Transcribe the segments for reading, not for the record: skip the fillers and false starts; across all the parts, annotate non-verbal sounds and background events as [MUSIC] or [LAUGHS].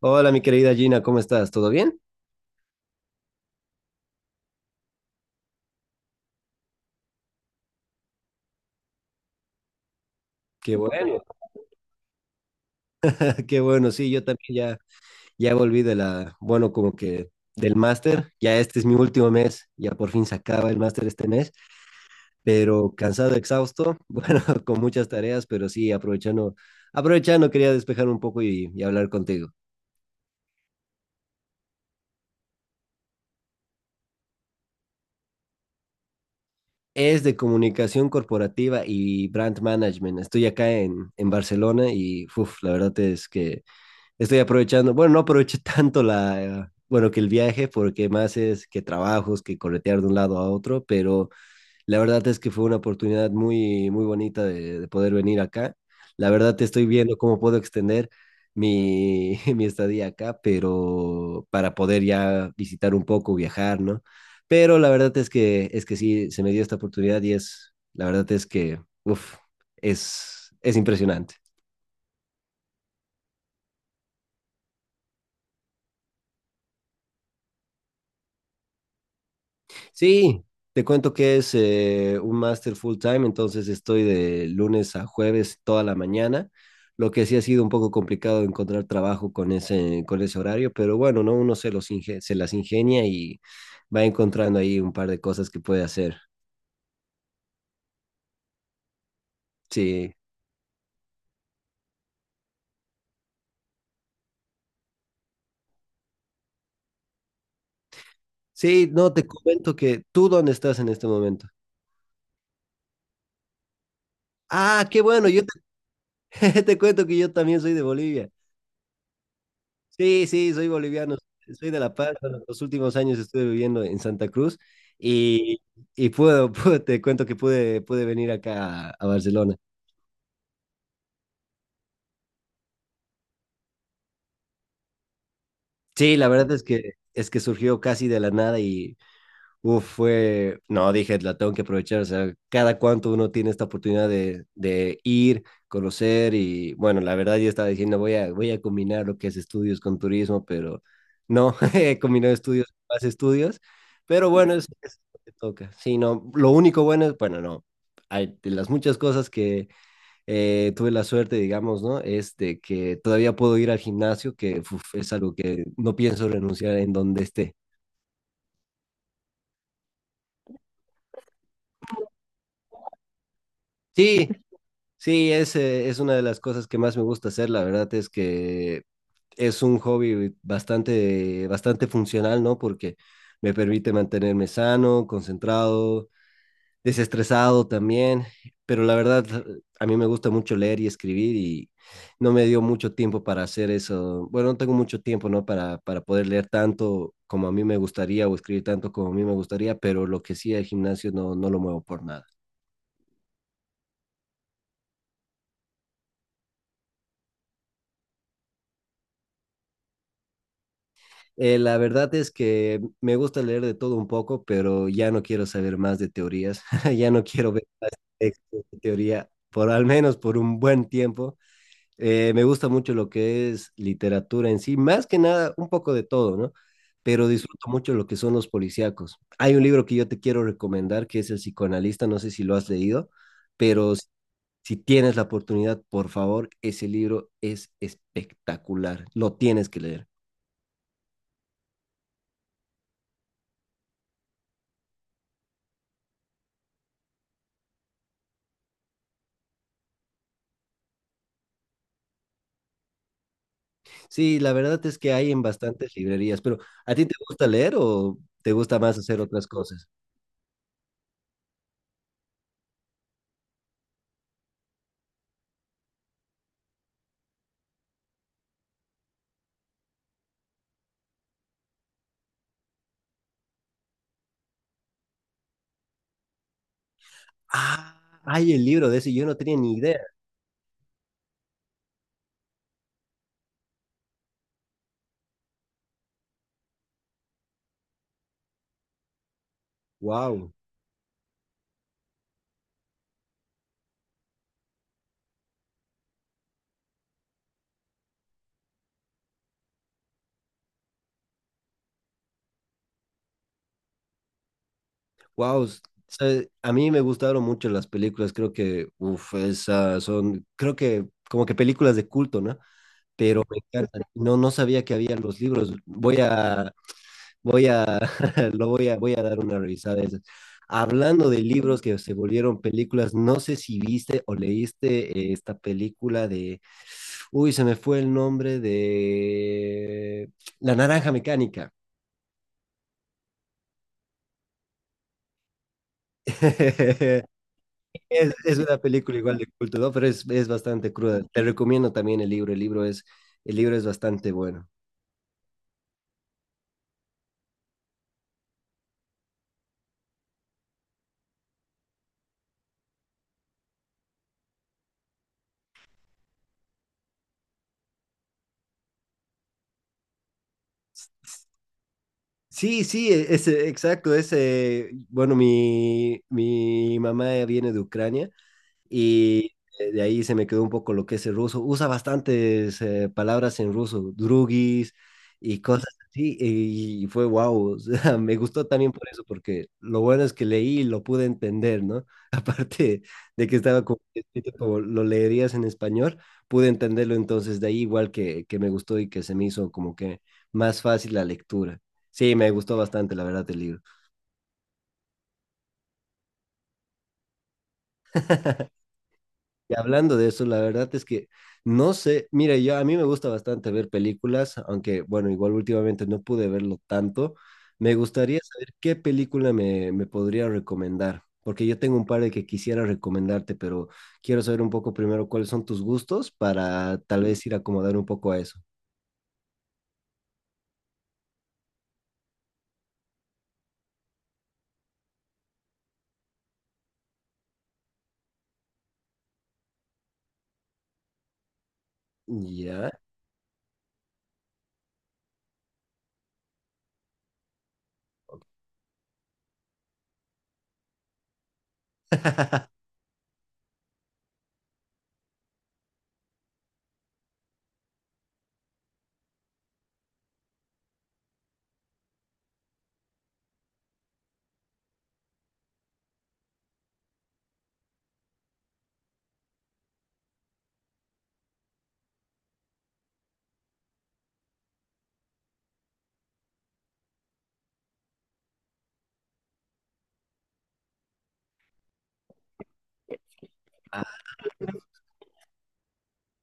Hola, mi querida Gina, ¿cómo estás? ¿Todo bien? Qué bueno, [LAUGHS] qué bueno, sí, yo también ya, ya volví de la, bueno, como que del máster. Ya este es mi último mes, ya por fin se acaba el máster este mes, pero cansado, exhausto, [LAUGHS] bueno, con muchas tareas, pero sí, aprovechando, aprovechando, quería despejar un poco y hablar contigo. Es de comunicación corporativa y brand management. Estoy acá en Barcelona y, uff, la verdad es que estoy aprovechando. Bueno, no aproveché [LAUGHS] tanto la, bueno, que el viaje, porque más es que trabajos, que corretear de un lado a otro, pero la verdad es que fue una oportunidad muy, muy bonita de poder venir acá. La verdad, te estoy viendo cómo puedo extender [LAUGHS] mi estadía acá, pero para poder ya visitar un poco, viajar, ¿no? Pero la verdad es que sí, se me dio esta oportunidad y es, la verdad es que, uff, es impresionante. Sí, te cuento que es un máster full time. Entonces estoy de lunes a jueves toda la mañana. Lo que sí ha sido un poco complicado encontrar trabajo con ese horario, pero bueno, ¿no? Uno se las ingenia y va encontrando ahí un par de cosas que puede hacer. Sí, sí, no, te comento que tú dónde estás en este momento. Ah, qué bueno, [LAUGHS] te cuento que yo también soy de Bolivia. Sí, sí, soy boliviano, soy de La Paz. Pero los últimos años estuve viviendo en Santa Cruz y, y [LAUGHS] te cuento que pude venir acá a Barcelona. Sí, la verdad es que surgió casi de la nada y uf, fue, no, dije, la tengo que aprovechar. O sea, cada cuánto uno tiene esta oportunidad de ir, conocer. Y bueno, la verdad, yo estaba diciendo, voy a combinar lo que es estudios con turismo, pero no, [LAUGHS] he combinado estudios con más estudios, pero bueno, es lo que toca. Sí, no, lo único bueno es, bueno, no, hay, de las muchas cosas que tuve la suerte, digamos, ¿no? Es de que todavía puedo ir al gimnasio, que uf, es algo que no pienso renunciar en donde esté. Sí, sí, es una de las cosas que más me gusta hacer. La verdad es que es un hobby bastante, bastante funcional, ¿no? Porque me permite mantenerme sano, concentrado, desestresado también, pero la verdad, a mí me gusta mucho leer y escribir y no me dio mucho tiempo para hacer eso. Bueno, no tengo mucho tiempo, ¿no? Para poder leer tanto como a mí me gustaría o escribir tanto como a mí me gustaría, pero lo que sí, el gimnasio no, no lo muevo por nada. La verdad es que me gusta leer de todo un poco, pero ya no quiero saber más de teorías. [LAUGHS] Ya no quiero ver textos de teoría, por al menos por un buen tiempo. Me gusta mucho lo que es literatura en sí, más que nada un poco de todo, ¿no? Pero disfruto mucho lo que son los policíacos. Hay un libro que yo te quiero recomendar que es El Psicoanalista, no sé si lo has leído, pero si tienes la oportunidad, por favor, ese libro es espectacular, lo tienes que leer. Sí, la verdad es que hay en bastantes librerías, pero ¿a ti te gusta leer o te gusta más hacer otras cosas? Ah, hay el libro de ese, yo no tenía ni idea. Wow, wow. A mí me gustaron mucho las películas, creo que, uff, esas son, creo que como que películas de culto, ¿no? Pero me encantan. No, no sabía que había los libros. Voy a, voy a [LAUGHS] voy a dar una revisada de esas. Hablando de libros que se volvieron películas, no sé si viste o leíste esta película de, uy, se me fue el nombre de La Naranja Mecánica. [LAUGHS] Es una película igual de culto, ¿no? Pero es bastante cruda. Te recomiendo también el libro es bastante bueno. Sí, sí, ese, exacto, ese, bueno, mi mamá viene de Ucrania y de ahí se me quedó un poco lo que es el ruso. Usa bastantes palabras en ruso, drugis y cosas así, y fue wow, [LAUGHS] o sea, me gustó también por eso, porque lo bueno es que leí y lo pude entender, ¿no? [LAUGHS] Aparte de que estaba como escrito como lo leerías en español, pude entenderlo, entonces de ahí igual que me gustó y que se me hizo como que más fácil la lectura. Sí, me gustó bastante, la verdad, el libro. [LAUGHS] Y hablando de eso, la verdad es que no sé, mira, yo a mí me gusta bastante ver películas, aunque bueno, igual últimamente no pude verlo tanto. Me gustaría saber qué película me, me podría recomendar, porque yo tengo un par de que quisiera recomendarte, pero quiero saber un poco primero cuáles son tus gustos para tal vez ir a acomodar un poco a eso. Ya.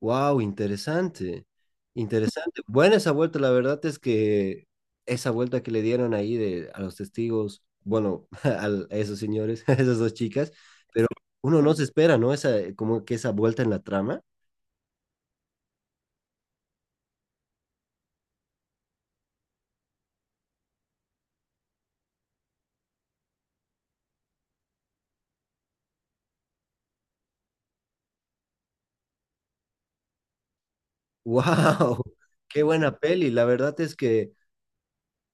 Wow, interesante, interesante. Buena esa vuelta, la verdad es que esa vuelta que le dieron ahí de, a los testigos, bueno, [LAUGHS] a esos señores, [LAUGHS] a esas dos chicas, pero uno no se espera, ¿no? Esa, como que esa vuelta en la trama. [LAUGHS] Wow, qué buena peli. La verdad es que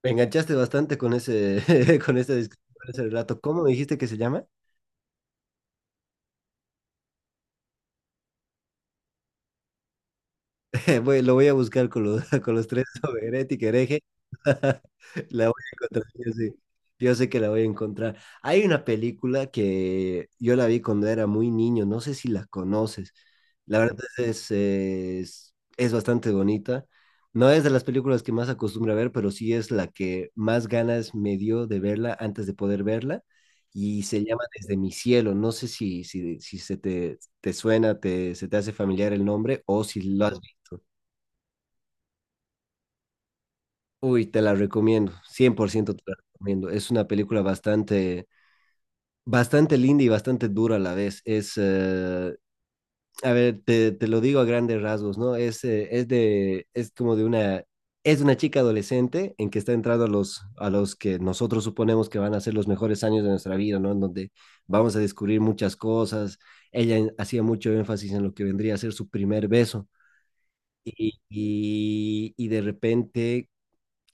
me enganchaste bastante con ese, [LAUGHS] con ese, con ese relato. ¿Cómo me dijiste que se llama? [LAUGHS] Lo voy a buscar con los, [LAUGHS] con los tres, sobre herética, hereje. [LAUGHS] La voy a encontrar, yo sé que la voy a encontrar. Hay una película que yo la vi cuando era muy niño, no sé si la conoces. La verdad es bastante bonita. No es de las películas que más acostumbro a ver, pero sí es la que más ganas me dio de verla antes de poder verla. Y se llama Desde Mi Cielo. No sé si se te, te suena, te, se te hace familiar el nombre o si lo has visto. Uy, te la recomiendo, cien por ciento te la recomiendo. Es una película bastante, bastante linda y bastante dura a la vez. Es, a ver, te lo digo a grandes rasgos, ¿no? Es, es como de una, es de una chica adolescente en que está entrando a los que nosotros suponemos que van a ser los mejores años de nuestra vida, ¿no? En donde vamos a descubrir muchas cosas. Ella hacía mucho énfasis en lo que vendría a ser su primer beso. Y de repente,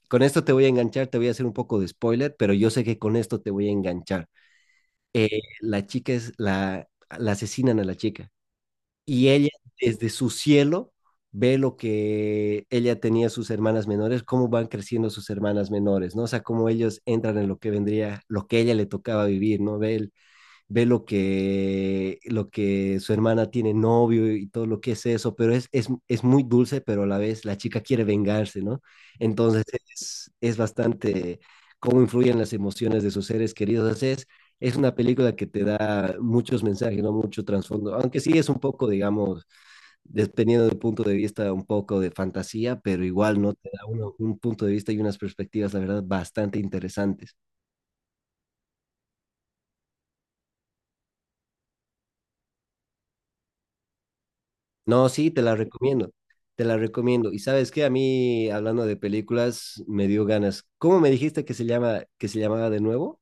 con esto te voy a enganchar, te voy a hacer un poco de spoiler, pero yo sé que con esto te voy a enganchar. Eh, la chica es la, la asesinan a la chica y ella desde su cielo ve lo que ella tenía sus hermanas menores, cómo van creciendo sus hermanas menores, ¿no? O sea, cómo ellos entran en lo que vendría, lo que ella le tocaba vivir, ¿no? Ve lo que su hermana tiene novio y todo lo que es eso, pero es muy dulce, pero a la vez la chica quiere vengarse, ¿no? Entonces es bastante cómo influyen las emociones de sus seres queridos. O sea, es una película que te da muchos mensajes, ¿no? Mucho trasfondo, aunque sí es un poco, digamos, dependiendo del punto de vista, un poco de fantasía, pero igual, ¿no? Te da un punto de vista y unas perspectivas, la verdad, bastante interesantes. No, sí, te la recomiendo, te la recomiendo. Y sabes qué, a mí, hablando de películas, me dio ganas. ¿Cómo me dijiste que se llama, que se llamaba de nuevo?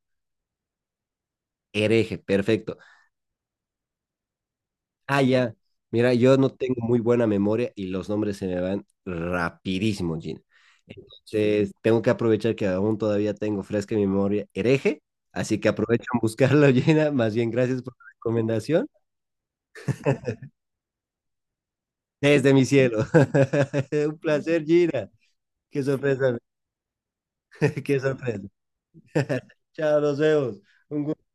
Hereje, perfecto. Ah, ya. Mira, yo no tengo muy buena memoria y los nombres se me van rapidísimo, Gina. Entonces, tengo que aprovechar que aún todavía tengo fresca en mi memoria Hereje, así que aprovecho en buscarlo, [LAUGHS] Gina. Más bien, gracias por la recomendación. [LAUGHS] Desde mi cielo. [LAUGHS] Un placer, Gina. Qué sorpresa, [LAUGHS] qué sorpresa. [LAUGHS] Chao, nos vemos. Un gusto.